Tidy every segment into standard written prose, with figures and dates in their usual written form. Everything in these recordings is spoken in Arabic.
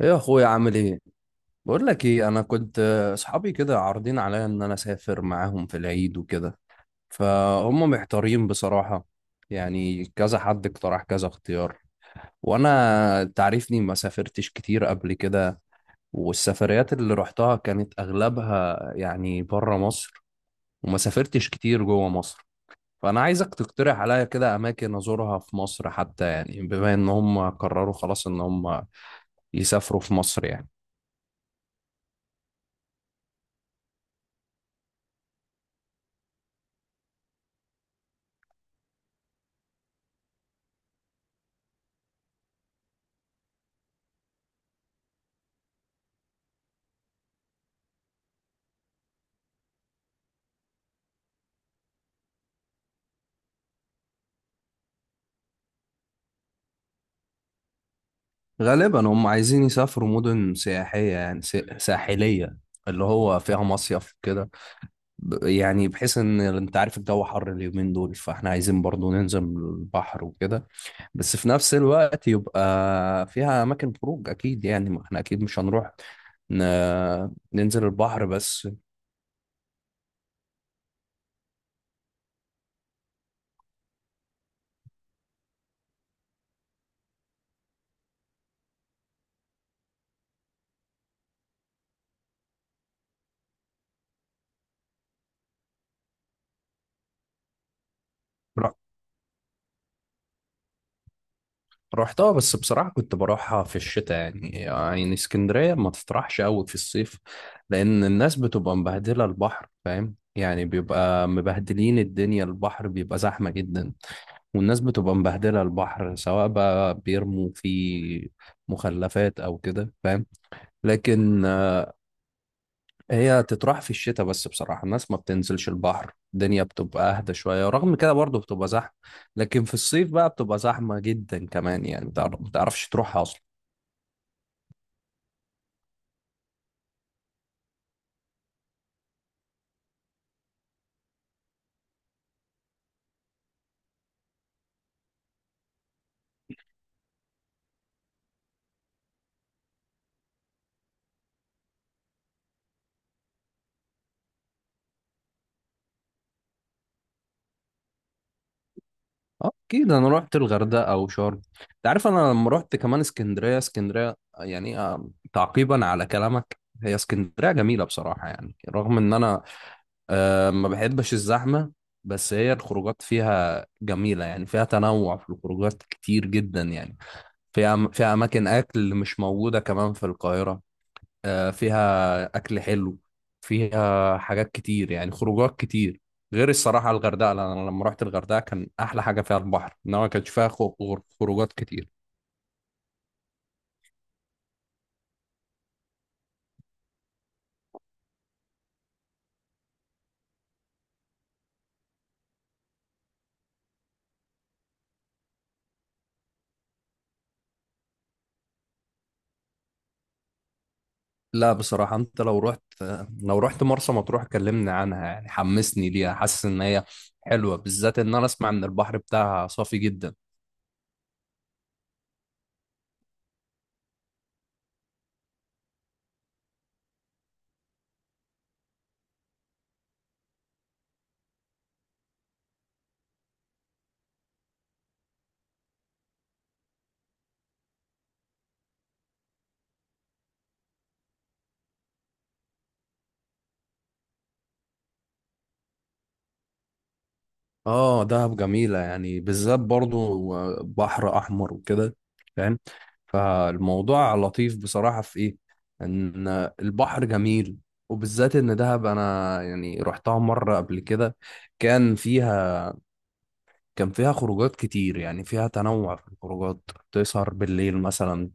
ايه يا اخويا؟ عامل ايه؟ بقول لك ايه، انا كنت اصحابي كده عارضين عليا ان انا اسافر معاهم في العيد وكده، فهم محتارين بصراحة. يعني كذا حد اقترح كذا اختيار، وانا تعرفني ما سافرتش كتير قبل كده، والسفريات اللي رحتها كانت اغلبها يعني بره مصر، وما سافرتش كتير جوه مصر. فانا عايزك تقترح عليا كده اماكن ازورها في مصر، حتى يعني بما ان هم قرروا خلاص ان هم يسافروا في مصر يعني. غالبا هم عايزين يسافروا مدن سياحية، يعني ساحلية، اللي هو فيها مصيف كده، يعني بحيث ان انت عارف الجو حر اليومين دول، فاحنا عايزين برضو ننزل البحر وكده، بس في نفس الوقت يبقى فيها اماكن خروج اكيد، يعني ما احنا اكيد مش هنروح ن... ننزل البحر بس. رحتها، بس بصراحة كنت بروحها في الشتاء، يعني اسكندرية ما تطرحش قوي في الصيف، لأن الناس بتبقى مبهدلة البحر، فاهم؟ يعني بيبقى مبهدلين الدنيا، البحر بيبقى زحمة جدا، والناس بتبقى مبهدلة البحر، سواء بقى بيرموا فيه مخلفات أو كده، فاهم؟ لكن هي تطرح في الشتاء، بس بصراحة الناس ما بتنزلش البحر، الدنيا بتبقى أهدى شوية، رغم كده برضه بتبقى زحمة. لكن في الصيف بقى بتبقى زحمة جدا كمان، يعني ما تعرفش تروحها أصلا. اه اكيد، انا رحت الغردقه او شرم. انت عارف انا لما رحت كمان اسكندريه، اسكندريه يعني تعقيبا على كلامك، هي اسكندريه جميله بصراحه، يعني رغم ان انا ما بحبش الزحمه، بس هي الخروجات فيها جميله، يعني فيها تنوع في الخروجات كتير جدا يعني. فيها اماكن اكل مش موجوده كمان في القاهره. فيها أكل حلو، فيها حاجات كتير، يعني خروجات كتير، غير الصراحة الغردقة. لأن أنا لما رحت الغردقة كان أحلى حاجة فيها البحر، إنما ما كانش فيها خروجات كتير. لا بصراحة، أنت لو رحت، لو رحت مرسى مطروح كلمني عنها، يعني حمسني ليها. حاسس إن هي حلوة، بالذات إن أنا أسمع إن البحر بتاعها صافي جدا. آه دهب جميلة يعني، بالذات برضو بحر أحمر وكده، فاهم؟ فالموضوع لطيف بصراحة. في إيه؟ إن البحر جميل، وبالذات إن دهب أنا يعني رحتها مرة قبل كده، كان فيها، كان فيها خروجات كتير، يعني فيها تنوع في الخروجات. تسهر بالليل مثلا،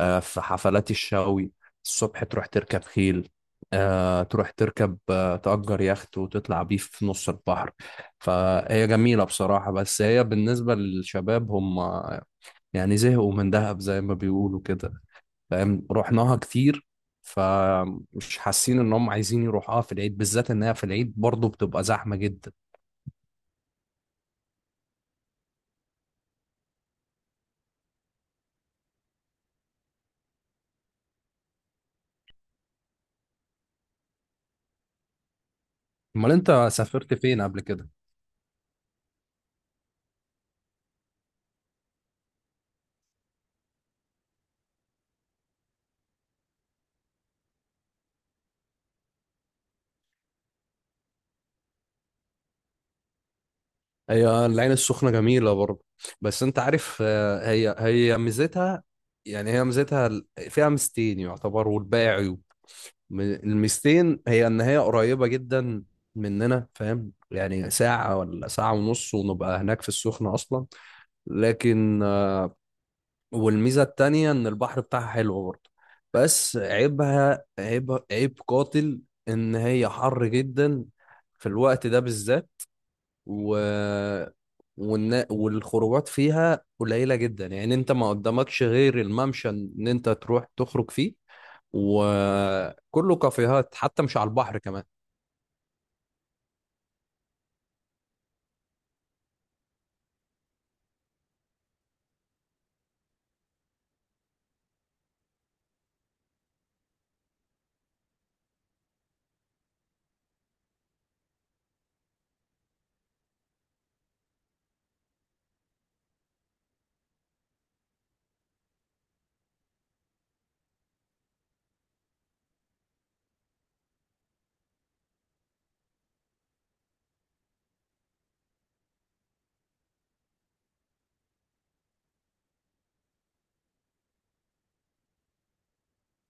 في حفلات الشاوي، الصبح تروح تركب خيل، تروح تركب تأجر يخت وتطلع بيه في نص البحر. فهي جميلة بصراحة، بس هي بالنسبة للشباب هم يعني زهقوا من دهب زي ما بيقولوا كده، فاهم؟ رحناها كتير، فمش حاسين ان هم عايزين يروحوها في العيد، بالذات انها في العيد برضه بتبقى زحمة جدا. امال انت سافرت فين قبل كده؟ هي العين السخنة جميلة برضه، بس انت عارف هي ميزتها، يعني هي ميزتها فيها ميزتين يعتبر، والباقي عيوب. الميزتين هي ان هي قريبة جدا مننا، فاهم؟ يعني ساعة ولا ساعة ونص ونبقى هناك في السخنة أصلا. لكن والميزة التانية إن البحر بتاعها حلو برضه. بس عيبها عيب، عيب قاتل، إن هي حر جدا في الوقت ده بالذات، و... والخروجات فيها قليلة جدا، يعني أنت ما قدامكش غير الممشى إن أنت تروح تخرج فيه، وكله كافيهات حتى مش على البحر كمان.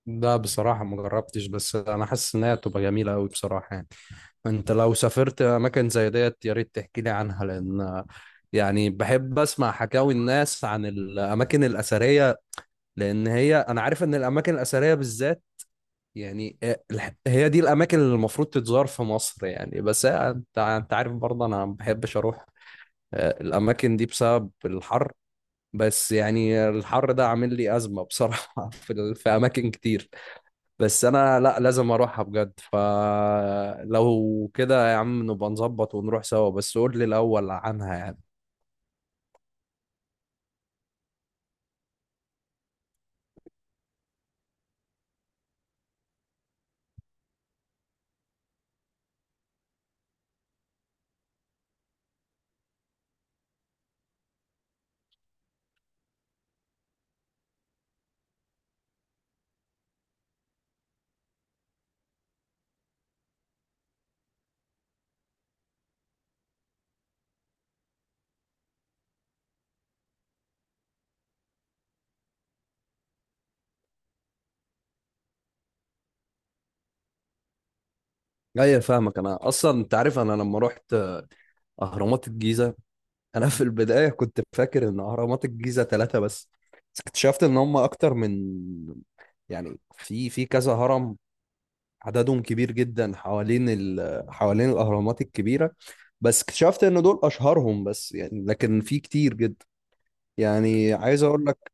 لا بصراحة ما جربتش، بس أنا حاسس إن هي هتبقى جميلة أوي بصراحة، يعني أنت لو سافرت أماكن زي ديت يا ريت تحكي لي عنها، لأن يعني بحب أسمع حكاوي الناس عن الأماكن الأثرية. لأن هي، أنا عارف إن الأماكن الأثرية بالذات يعني هي دي الأماكن اللي المفروض تتزار في مصر، يعني بس أنت عارف برضه أنا ما بحبش أروح الأماكن دي بسبب الحر. بس يعني الحر ده عامل لي أزمة بصراحة في أماكن كتير، بس انا لا لازم اروحها بجد. فلو كده يا عم نبقى نظبط ونروح سوا، بس قول لي الاول عنها يعني. ايوه فاهمك، انا اصلا انت عارف انا لما رحت اهرامات الجيزه، انا في البدايه كنت فاكر ان اهرامات الجيزه ثلاثه بس، بس اكتشفت ان هم اكتر من، يعني في كذا هرم، عددهم كبير جدا حوالين حوالين الاهرامات الكبيره. بس اكتشفت ان دول اشهرهم بس يعني، لكن في كتير جدا. يعني عايز اقول لك،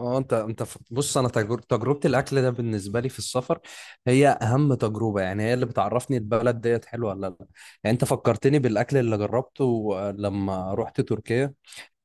اه انت بص، انا تجربه الاكل ده بالنسبه لي في السفر هي اهم تجربه، يعني هي اللي بتعرفني البلد ديت حلوه ولا لا. يعني انت فكرتني بالاكل اللي جربته لما رحت تركيا،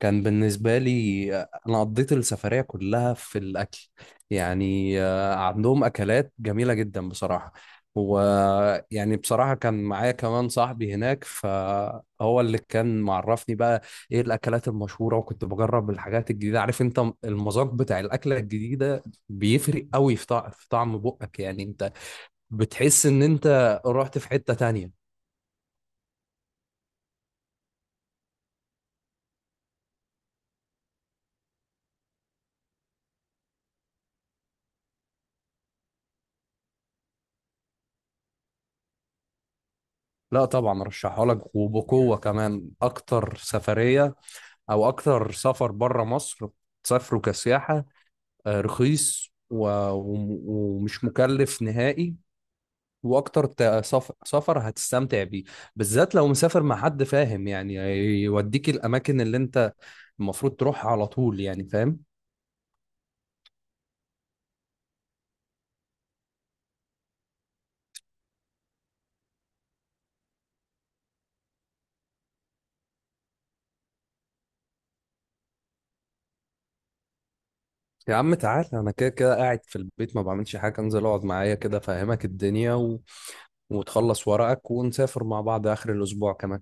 كان بالنسبة لي، أنا قضيت السفرية كلها في الأكل. يعني عندهم أكلات جميلة جدا بصراحة، ويعني بصراحة كان معايا كمان صاحبي هناك، فهو اللي كان معرفني بقى إيه الأكلات المشهورة، وكنت بجرب الحاجات الجديدة. عارف أنت المذاق بتاع الأكلة الجديدة بيفرق قوي في طعم بقك، يعني أنت بتحس إن أنت رحت في حتة تانية. لا طبعا رشحها لك وبقوة كمان، أكتر سفرية او اكتر سفر بره مصر تسافره كسياحه، رخيص ومش مكلف نهائي، واكتر سفر هتستمتع بيه، بالذات لو مسافر مع حد، فاهم يعني؟ يوديك الاماكن اللي انت المفروض تروح على طول يعني، فاهم؟ يا عم تعال، انا كده كده قاعد في البيت ما بعملش حاجه، انزل اقعد معايا كده، فاهمك الدنيا وتخلص ورقك، ونسافر مع بعض اخر الاسبوع كمان.